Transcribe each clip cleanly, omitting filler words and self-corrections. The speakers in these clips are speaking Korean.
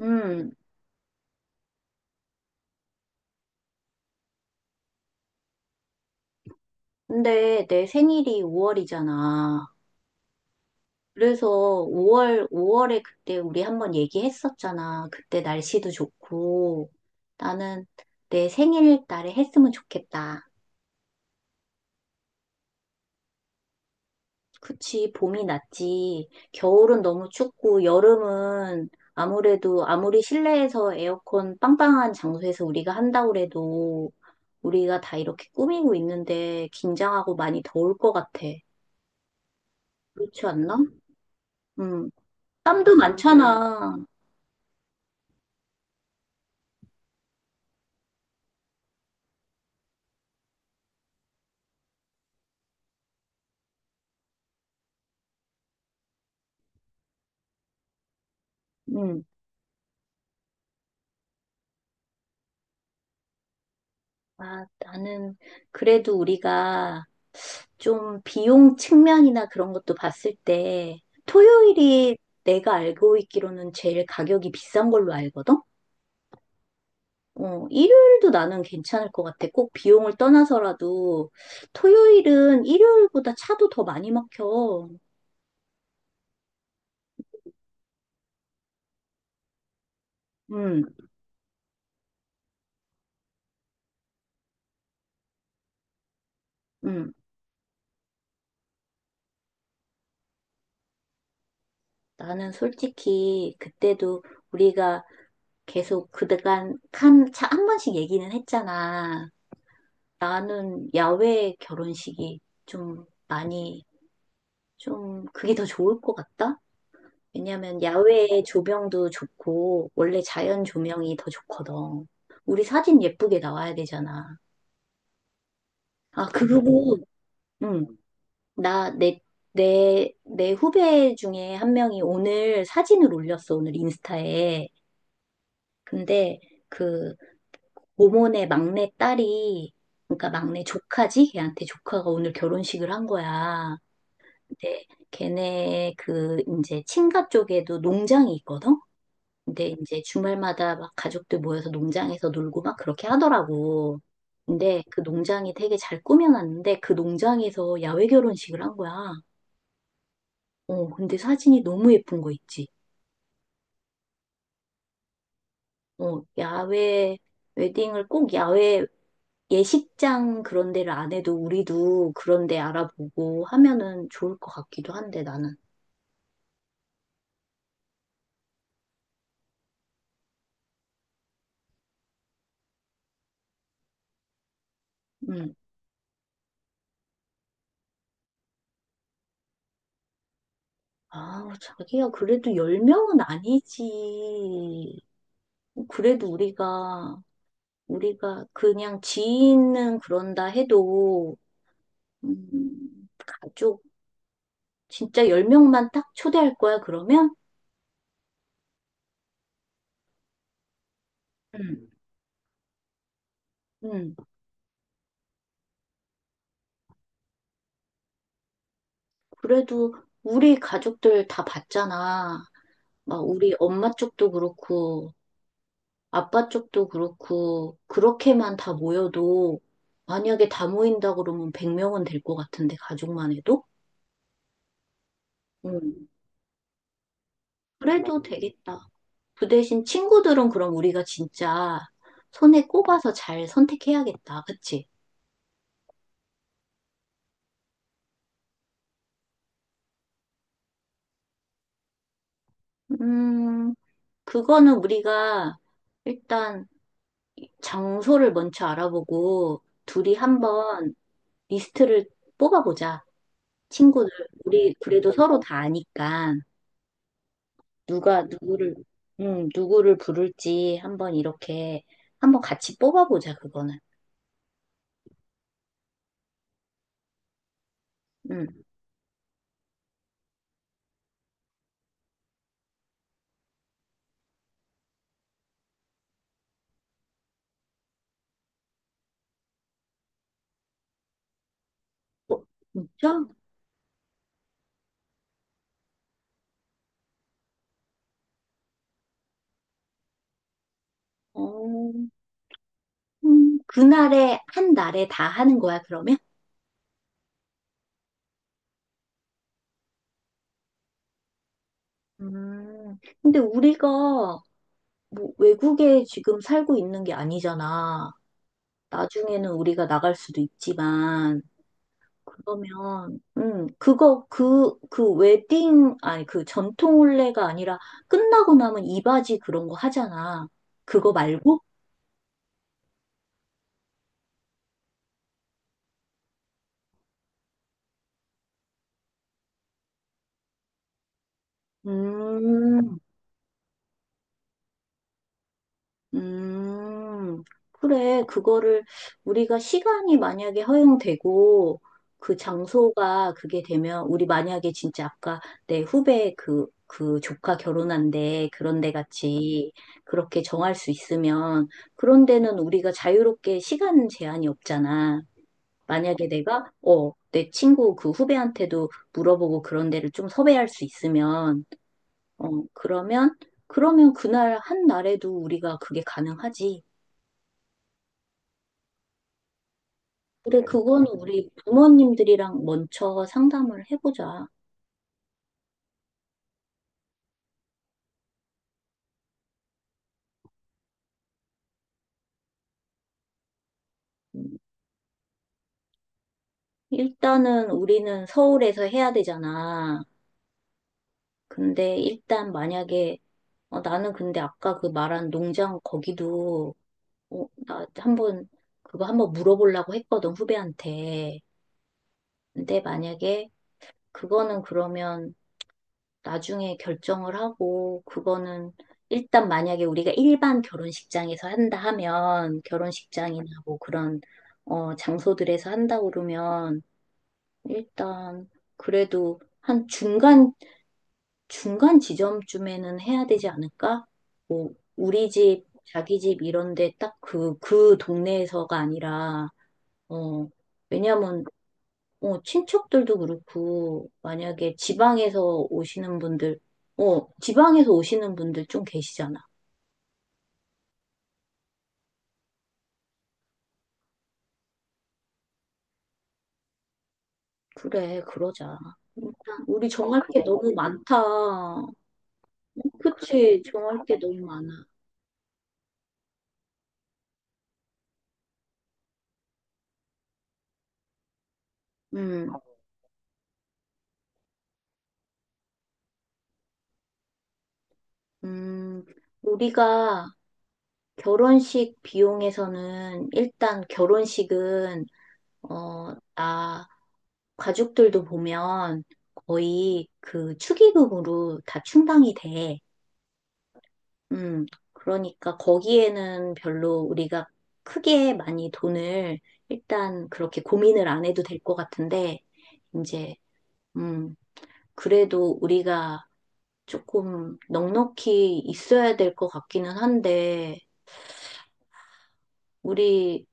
음, 근데 내 생일이 5월이잖아. 그래서 5월, 오월에 그때 우리 한번 얘기했었잖아. 그때 날씨도 좋고. 나는 내 생일 날에 했으면 좋겠다. 그치, 봄이 낫지. 겨울은 너무 춥고, 여름은 아무래도 아무리 실내에서 에어컨 빵빵한 장소에서 우리가 한다고 해도 우리가 다 이렇게 꾸미고 있는데 긴장하고 많이 더울 것 같아. 그렇지 않나? 음. 땀도 많잖아. 음. 아, 나는 그래도 우리가 좀 비용 측면이나 그런 것도 봤을 때 토요일이 내가 알고 있기로는 제일 가격이 비싼 걸로 알거든? 일요일도 나는 괜찮을 것 같아. 꼭 비용을 떠나서라도 토요일은 일요일보다 차도 더 많이 막혀. 음, 음. 나는 솔직히 그때도 우리가 계속 그간 한 차 한 번씩 얘기는 했잖아. 나는 야외 결혼식이 좀 많이, 좀 그게 더 좋을 것 같다? 왜냐면 야외 조명도 좋고, 원래 자연 조명이 더 좋거든. 우리 사진 예쁘게 나와야 되잖아. 아, 그리고, 응, 나, 내, 내 후배 중에 한 명이 오늘 사진을 올렸어, 오늘 인스타에. 근데 그, 모모네 막내 딸이, 그러니까 막내 조카지? 걔한테 조카가 오늘 결혼식을 한 거야. 근데 걔네 그 이제 친가 쪽에도 농장이 있거든? 근데 이제 주말마다 막 가족들 모여서 농장에서 놀고 막 그렇게 하더라고. 근데 그 농장이 되게 잘 꾸며놨는데 그 농장에서 야외 결혼식을 한 거야. 어, 근데 사진이 너무 예쁜 거 있지. 어, 야외 웨딩을 꼭 야외 예식장 그런 데를 안 해도 우리도 그런 데 알아보고 하면은 좋을 것 같기도 한데 나는. 음. 아, 자기야, 그래도 10명은 아니지. 그래도 우리가 그냥 지인은 그런다 해도, 가족, 진짜 10명만 딱 초대할 거야, 그러면? 응. 응. 그래도 우리 가족들 다 봤잖아. 막 우리 엄마 쪽도 그렇고, 아빠 쪽도 그렇고, 그렇게만 다 모여도, 만약에 다 모인다 그러면 100명은 될 것 같은데, 가족만 해도? 응. 그래도 되겠다. 그 대신 친구들은 그럼 우리가 진짜 손에 꼽아서 잘 선택해야겠다. 그치? 음, 그거는 우리가 일단 장소를 먼저 알아보고 둘이 한번 리스트를 뽑아보자. 친구들. 우리 그래도 서로 다 아니까 누가 누구를, 누구를 부를지 한번 이렇게 한번 같이 뽑아보자. 그거는. 음. 어, 진짜? 어. 그날에, 한 날에 다 하는 거야, 그러면? 음, 근데 우리가 뭐 외국에 지금 살고 있는 게 아니잖아. 나중에는 우리가 나갈 수도 있지만, 그러면, 그거, 그, 그 웨딩, 아니, 그 전통 혼례가 아니라 끝나고 나면 이바지 그런 거 하잖아. 그거 말고? 음, 음, 그래. 그거를 우리가 시간이 만약에 허용되고 그 장소가 그게 되면 우리 만약에 진짜 아까 내 후배 그 조카 결혼한데 그런 데 같이 그렇게 정할 수 있으면 그런 데는 우리가 자유롭게 시간 제한이 없잖아. 만약에 내가, 내 친구 그 후배한테도 물어보고 그런 데를 좀 섭외할 수 있으면, 어, 그러면, 그러면, 그날 한 날에도 우리가 그게 가능하지. 근데 그건 우리 부모님들이랑 먼저 상담을 해보자. 일단은 우리는 서울에서 해야 되잖아. 근데 일단 만약에 나는 근데 아까 그 말한 농장 거기도 나 한번 그거 한번 물어보려고 했거든 후배한테. 근데 만약에 그거는 그러면 나중에 결정을 하고, 그거는 일단 만약에 우리가 일반 결혼식장에서 한다 하면, 결혼식장이나 뭐 그런, 장소들에서 한다 그러면, 일단 그래도 한 중간 지점쯤에는 해야 되지 않을까? 뭐, 우리 집, 자기 집 이런데 딱 그 동네에서가 아니라, 어, 왜냐면 친척들도 그렇고, 만약에 지방에서 오시는 분들, 지방에서 오시는 분들 좀 계시잖아. 그래, 그러자. 일단 우리 정할 게 그래, 너무 많다. 그치, 정할 게 너무 많아. 음, 음, 우리가 결혼식 비용에서는 일단 결혼식은, 나 가족들도 보면 거의 그 축의금으로 다 충당이 돼. 음, 그러니까 거기에는 별로 우리가 크게 많이 돈을 일단 그렇게 고민을 안 해도 될 것 같은데, 이제, 음, 그래도 우리가 조금 넉넉히 있어야 될 것 같기는 한데, 우리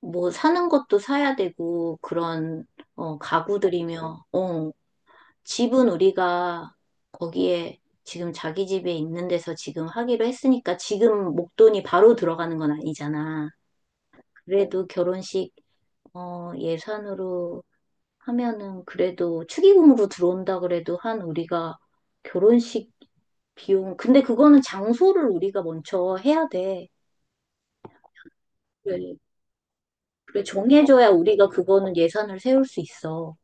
뭐 사는 것도 사야 되고, 그런, 가구들이며, 집은 우리가 거기에 지금 자기 집에 있는 데서 지금 하기로 했으니까 지금 목돈이 바로 들어가는 건 아니잖아. 그래도 결혼식 예산으로 하면은 그래도 축의금으로 들어온다 그래도 한 우리가 결혼식 비용 근데 그거는 장소를 우리가 먼저 해야 돼. 그래, 그래 정해줘야 우리가 그거는 예산을 세울 수 있어.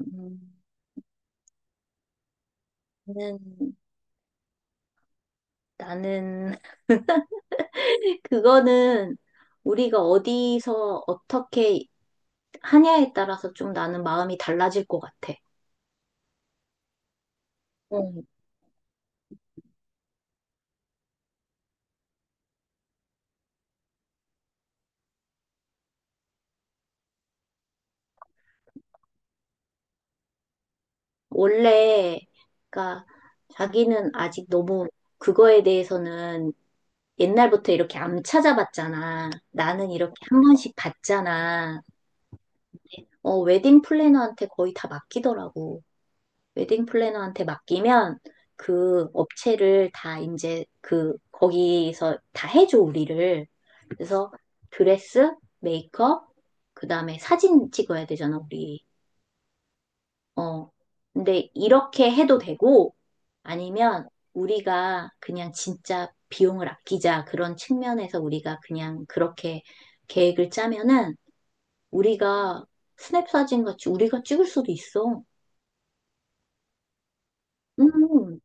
음, 나는 나는 그거는 우리가 어디서 어떻게 하냐에 따라서 좀 나는 마음이 달라질 것 같아. 어, 원래, 그러니까 자기는 아직 너무 그거에 대해서는 옛날부터 이렇게 안 찾아봤잖아. 나는 이렇게 한 번씩 봤잖아. 웨딩 플래너한테 거의 다 맡기더라고. 웨딩 플래너한테 맡기면 그 업체를 다 이제 거기서 다 해줘, 우리를. 그래서 드레스, 메이크업, 그 다음에 사진 찍어야 되잖아, 우리. 어. 근데 이렇게 해도 되고 아니면 우리가 그냥 진짜 비용을 아끼자 그런 측면에서 우리가 그냥 그렇게 계획을 짜면은 우리가 스냅 사진 같이 우리가 찍을 수도 있어. 음,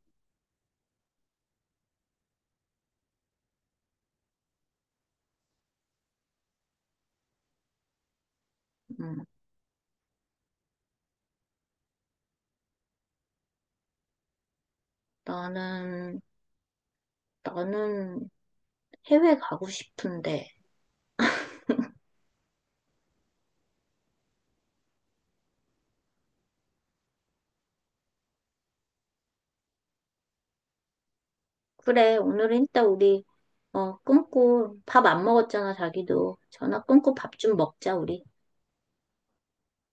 음. 나는 나는 해외 가고 싶은데. 그래, 오늘은 이따 우리 끊고 밥 안 먹었잖아, 자기도. 전화 끊고 밥 좀 먹자, 우리.